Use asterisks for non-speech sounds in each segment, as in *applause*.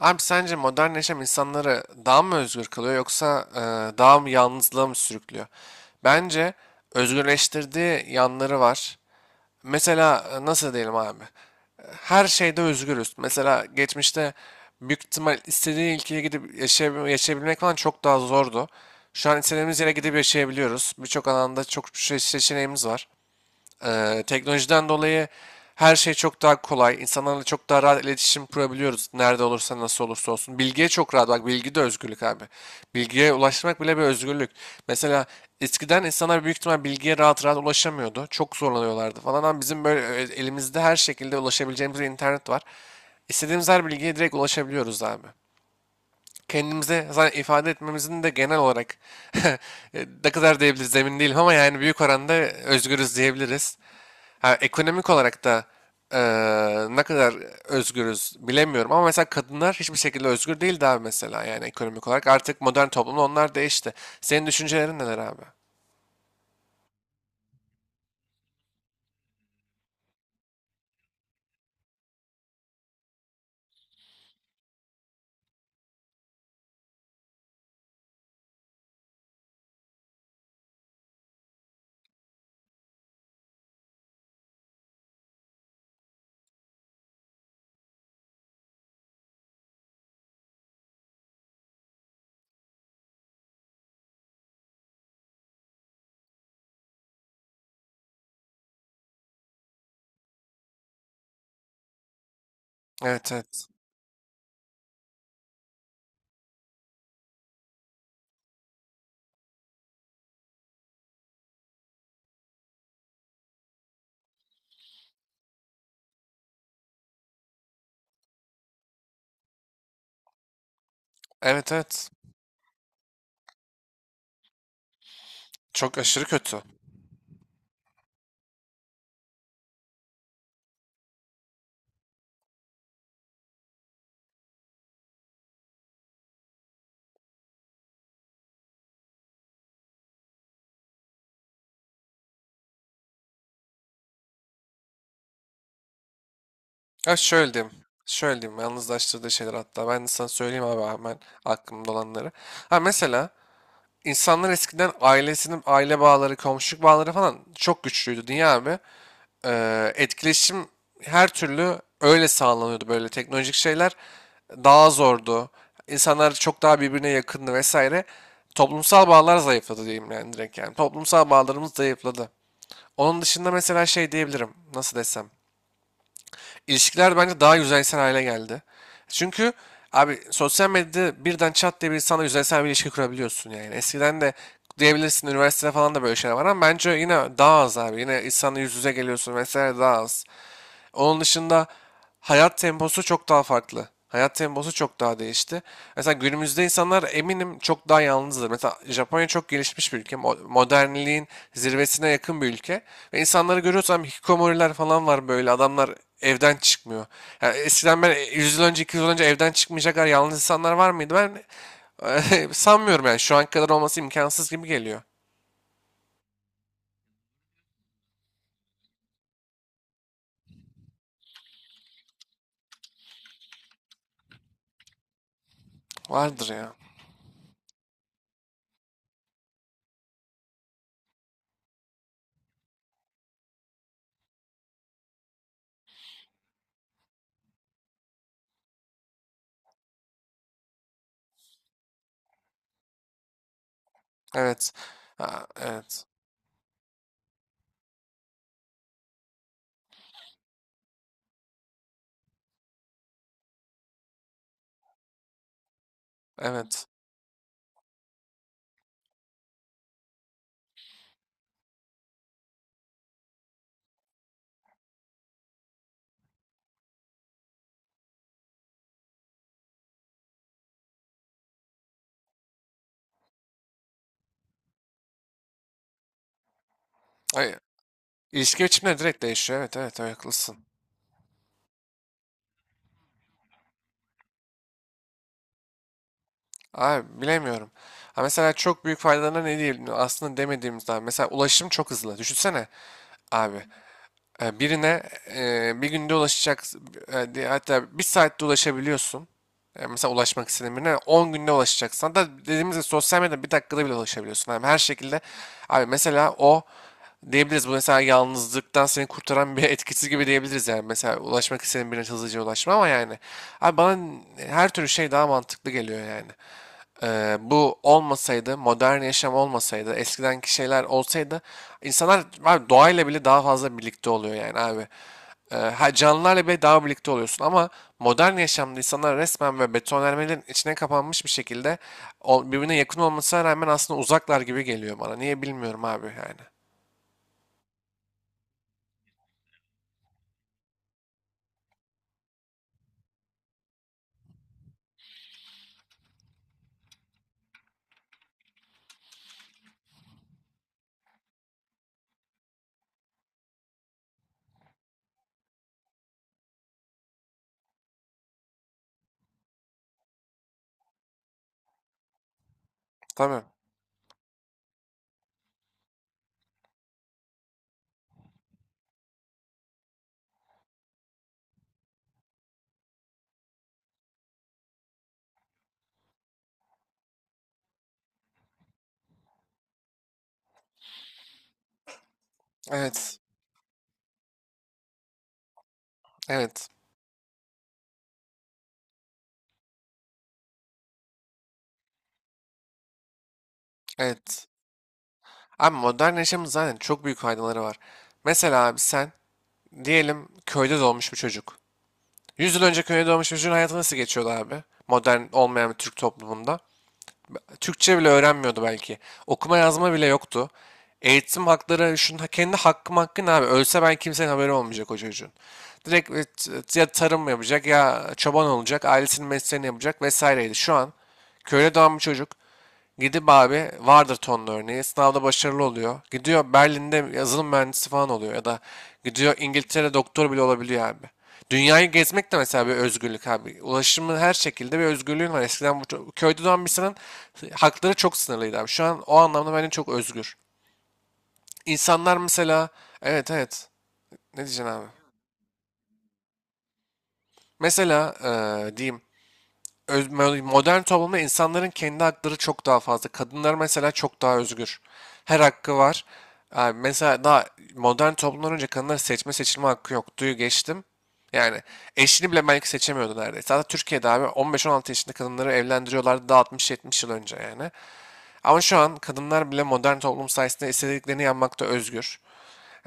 Abi sence modern yaşam insanları daha mı özgür kılıyor yoksa daha mı yalnızlığa mı sürüklüyor? Bence özgürleştirdiği yanları var. Mesela nasıl diyelim abi? Her şeyde özgürüz. Mesela geçmişte büyük ihtimal istediği ülkeye gidip yaşayabilmek falan çok daha zordu. Şu an istediğimiz yere gidip yaşayabiliyoruz. Birçok alanda çok seçeneğimiz var. Teknolojiden dolayı her şey çok daha kolay. İnsanlarla çok daha rahat iletişim kurabiliyoruz. Nerede olursa nasıl olursa olsun. Bilgiye çok rahat. Bak bilgi de özgürlük abi. Bilgiye ulaşmak bile bir özgürlük. Mesela eskiden insanlar büyük ihtimal bilgiye rahat rahat ulaşamıyordu. Çok zorlanıyorlardı falan ama bizim böyle elimizde her şekilde ulaşabileceğimiz bir internet var. İstediğimiz her bilgiye direkt ulaşabiliyoruz abi. Kendimize zaten ifade etmemizin de genel olarak *laughs* ne kadar diyebiliriz emin değilim ama yani büyük oranda özgürüz diyebiliriz. Ha, ekonomik olarak da ne kadar özgürüz bilemiyorum ama mesela kadınlar hiçbir şekilde özgür değildi abi mesela yani ekonomik olarak. Artık modern toplumda onlar değişti. Senin düşüncelerin neler abi? Evet, evet. Evet, evet. Çok aşırı kötü. Ha, şöyle diyeyim. Şöyle diyeyim. Yalnızlaştırdığı şeyler hatta. Ben de sana söyleyeyim abi hemen aklımda olanları. Ha, mesela insanlar eskiden ailesinin aile bağları, komşuluk bağları falan çok güçlüydü. Niye abi? Etkileşim her türlü öyle sağlanıyordu, böyle teknolojik şeyler daha zordu. İnsanlar çok daha birbirine yakındı vesaire. Toplumsal bağlar zayıfladı diyeyim yani, direkt yani. Toplumsal bağlarımız zayıfladı. Onun dışında mesela şey diyebilirim. Nasıl desem? İlişkiler bence daha yüzeysel hale geldi. Çünkü abi sosyal medyada birden çat diye bir insanla yüzeysel bir ilişki kurabiliyorsun yani. Eskiden de diyebilirsin, üniversitede falan da böyle şeyler var ama bence yine daha az abi. Yine insanla yüz yüze geliyorsun vesaire daha az. Onun dışında hayat temposu çok daha farklı. Hayat temposu çok daha değişti. Mesela günümüzde insanlar eminim çok daha yalnızdır. Mesela Japonya çok gelişmiş bir ülke. Modernliğin zirvesine yakın bir ülke. Ve insanları görüyorsam hikikomoriler falan var böyle. Adamlar evden çıkmıyor. Yani eskiden ben 100 yıl önce, 200 yıl önce evden çıkmayacak kadar yalnız insanlar var mıydı? Ben *laughs* sanmıyorum yani. Şu an kadar olması imkansız gibi geliyor. Vardır ya. Evet. Ha, evet. Evet. Ay, İlişki biçimleri direkt değişiyor. Evet, evet, evet, haklısın. Abi bilemiyorum. Ha, mesela çok büyük faydalarına ne diyelim aslında demediğimizden. Mesela ulaşım çok hızlı. Düşünsene abi. Birine bir günde ulaşacak, hatta bir saatte ulaşabiliyorsun. Mesela ulaşmak istediğin birine 10 günde ulaşacaksan da, dediğimiz gibi, sosyal medyada bir dakikada bile ulaşabiliyorsun. Abi her şekilde abi, mesela o diyebiliriz, bu mesela yalnızlıktan seni kurtaran bir *laughs* etkisiz gibi diyebiliriz yani. Mesela ulaşmak istediğin birine hızlıca ulaşma ama yani abi bana her türlü şey daha mantıklı geliyor yani. Bu olmasaydı, modern yaşam olmasaydı, eskidenki şeyler olsaydı insanlar abi doğayla bile daha fazla birlikte oluyor yani abi. Ha, canlılarla bile daha birlikte oluyorsun ama modern yaşamda insanlar resmen ve betonarmelerin içine kapanmış bir şekilde, birbirine yakın olmasına rağmen aslında uzaklar gibi geliyor bana. Niye bilmiyorum abi yani. Tabii. Evet. Evet. Evet. Abi modern yaşamın zaten çok büyük faydaları var. Mesela abi sen diyelim köyde doğmuş bir çocuk. 100 yıl önce köye doğmuş bir çocuğun hayatı nasıl geçiyordu abi? Modern olmayan bir Türk toplumunda. Türkçe bile öğrenmiyordu belki. Okuma yazma bile yoktu. Eğitim hakları, şunun kendi hakkım, hakkı ne abi? Ölse ben kimsenin haberi olmayacak o çocuğun. Direkt ya tarım yapacak, ya çoban olacak, ailesinin mesleğini yapacak vesaireydi. Şu an köyde doğan bir çocuk gidip abi, vardır tonlu örneği. Sınavda başarılı oluyor. Gidiyor Berlin'de yazılım mühendisi falan oluyor. Ya da gidiyor İngiltere'de doktor bile olabiliyor abi. Dünyayı gezmek de mesela bir özgürlük abi. Ulaşımın, her şekilde bir özgürlüğün var. Eskiden bu köyde doğan bir insanın hakları çok sınırlıydı abi. Şu an o anlamda bence çok özgür. İnsanlar mesela, evet, evet, ne diyeceksin abi? Mesela diyeyim, öz- modern toplumda insanların kendi hakları çok daha fazla. Kadınlar mesela çok daha özgür. Her hakkı var. Yani mesela daha modern toplumdan önce kadınların seçme seçilme hakkı yok. Duyu geçtim. Yani eşini bile belki seçemiyordu neredeyse. Hatta Türkiye'de abi 15-16 yaşında kadınları evlendiriyorlardı, daha 60-70 yıl önce yani. Ama şu an kadınlar bile modern toplum sayesinde istediklerini yapmakta özgür.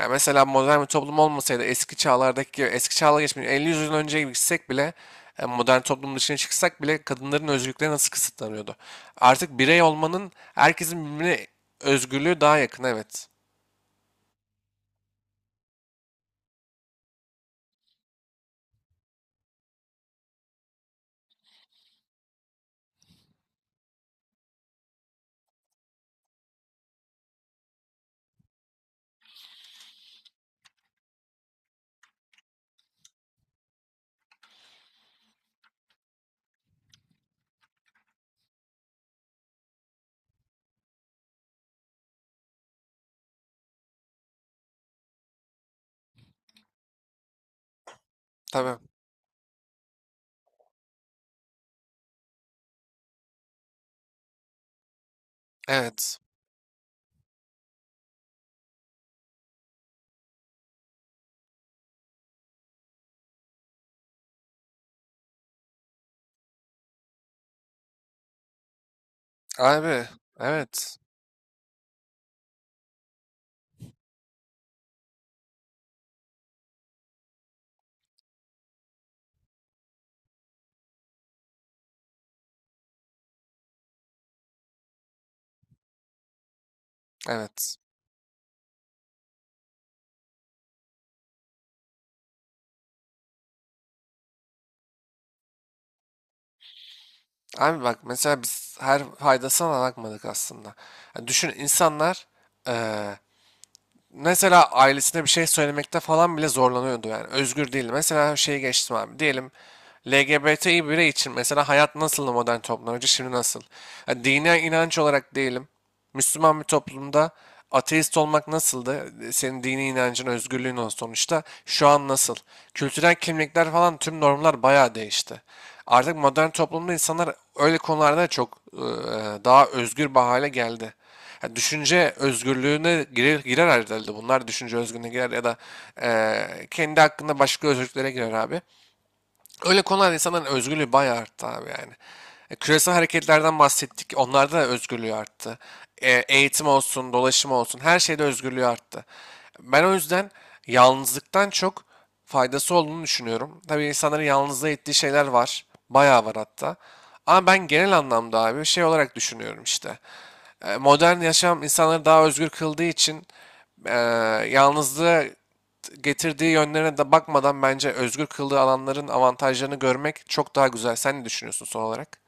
Ya mesela modern bir toplum olmasaydı, eski çağlardaki gibi, eski çağla, geçmiş 50-100 yıl önce gibi gitsek bile, modern toplum dışına çıksak bile kadınların özgürlükleri nasıl kısıtlanıyordu? Artık birey olmanın, herkesin birbirine özgürlüğü daha yakın, evet. Tabii. Evet. Abi, evet. Evet. Abi bak, mesela biz her faydasına da bakmadık aslında. Yani düşün insanlar e, mesela ailesine bir şey söylemekte falan bile zorlanıyordu yani. Özgür değildi. Mesela şeyi geçtim abi. Diyelim LGBTİ birey için mesela hayat nasıldı modern toplumda önce, şimdi nasıl? Yani dini inanç olarak diyelim. Müslüman bir toplumda ateist olmak nasıldı? Senin dini inancın, özgürlüğün o sonuçta. Şu an nasıl? Kültürel kimlikler falan, tüm normlar bayağı değişti. Artık modern toplumda insanlar öyle konularda çok daha özgür bir hale geldi. Ya düşünce özgürlüğüne girer, girer herhalde. Bunlar düşünce özgürlüğüne girer ya da kendi hakkında başka özgürlüklere girer abi. Öyle konularda insanların özgürlüğü bayağı arttı abi yani. Küresel hareketlerden bahsettik. Onlarda da özgürlüğü arttı. Eğitim olsun, dolaşım olsun, her şeyde özgürlüğü arttı. Ben o yüzden yalnızlıktan çok faydası olduğunu düşünüyorum. Tabii insanların yalnızlığa ettiği şeyler var. Bayağı var hatta. Ama ben genel anlamda abi şey olarak düşünüyorum işte, modern yaşam insanları daha özgür kıldığı için, e, yalnızlığı getirdiği yönlerine de bakmadan bence özgür kıldığı alanların avantajlarını görmek çok daha güzel. Sen ne düşünüyorsun son olarak?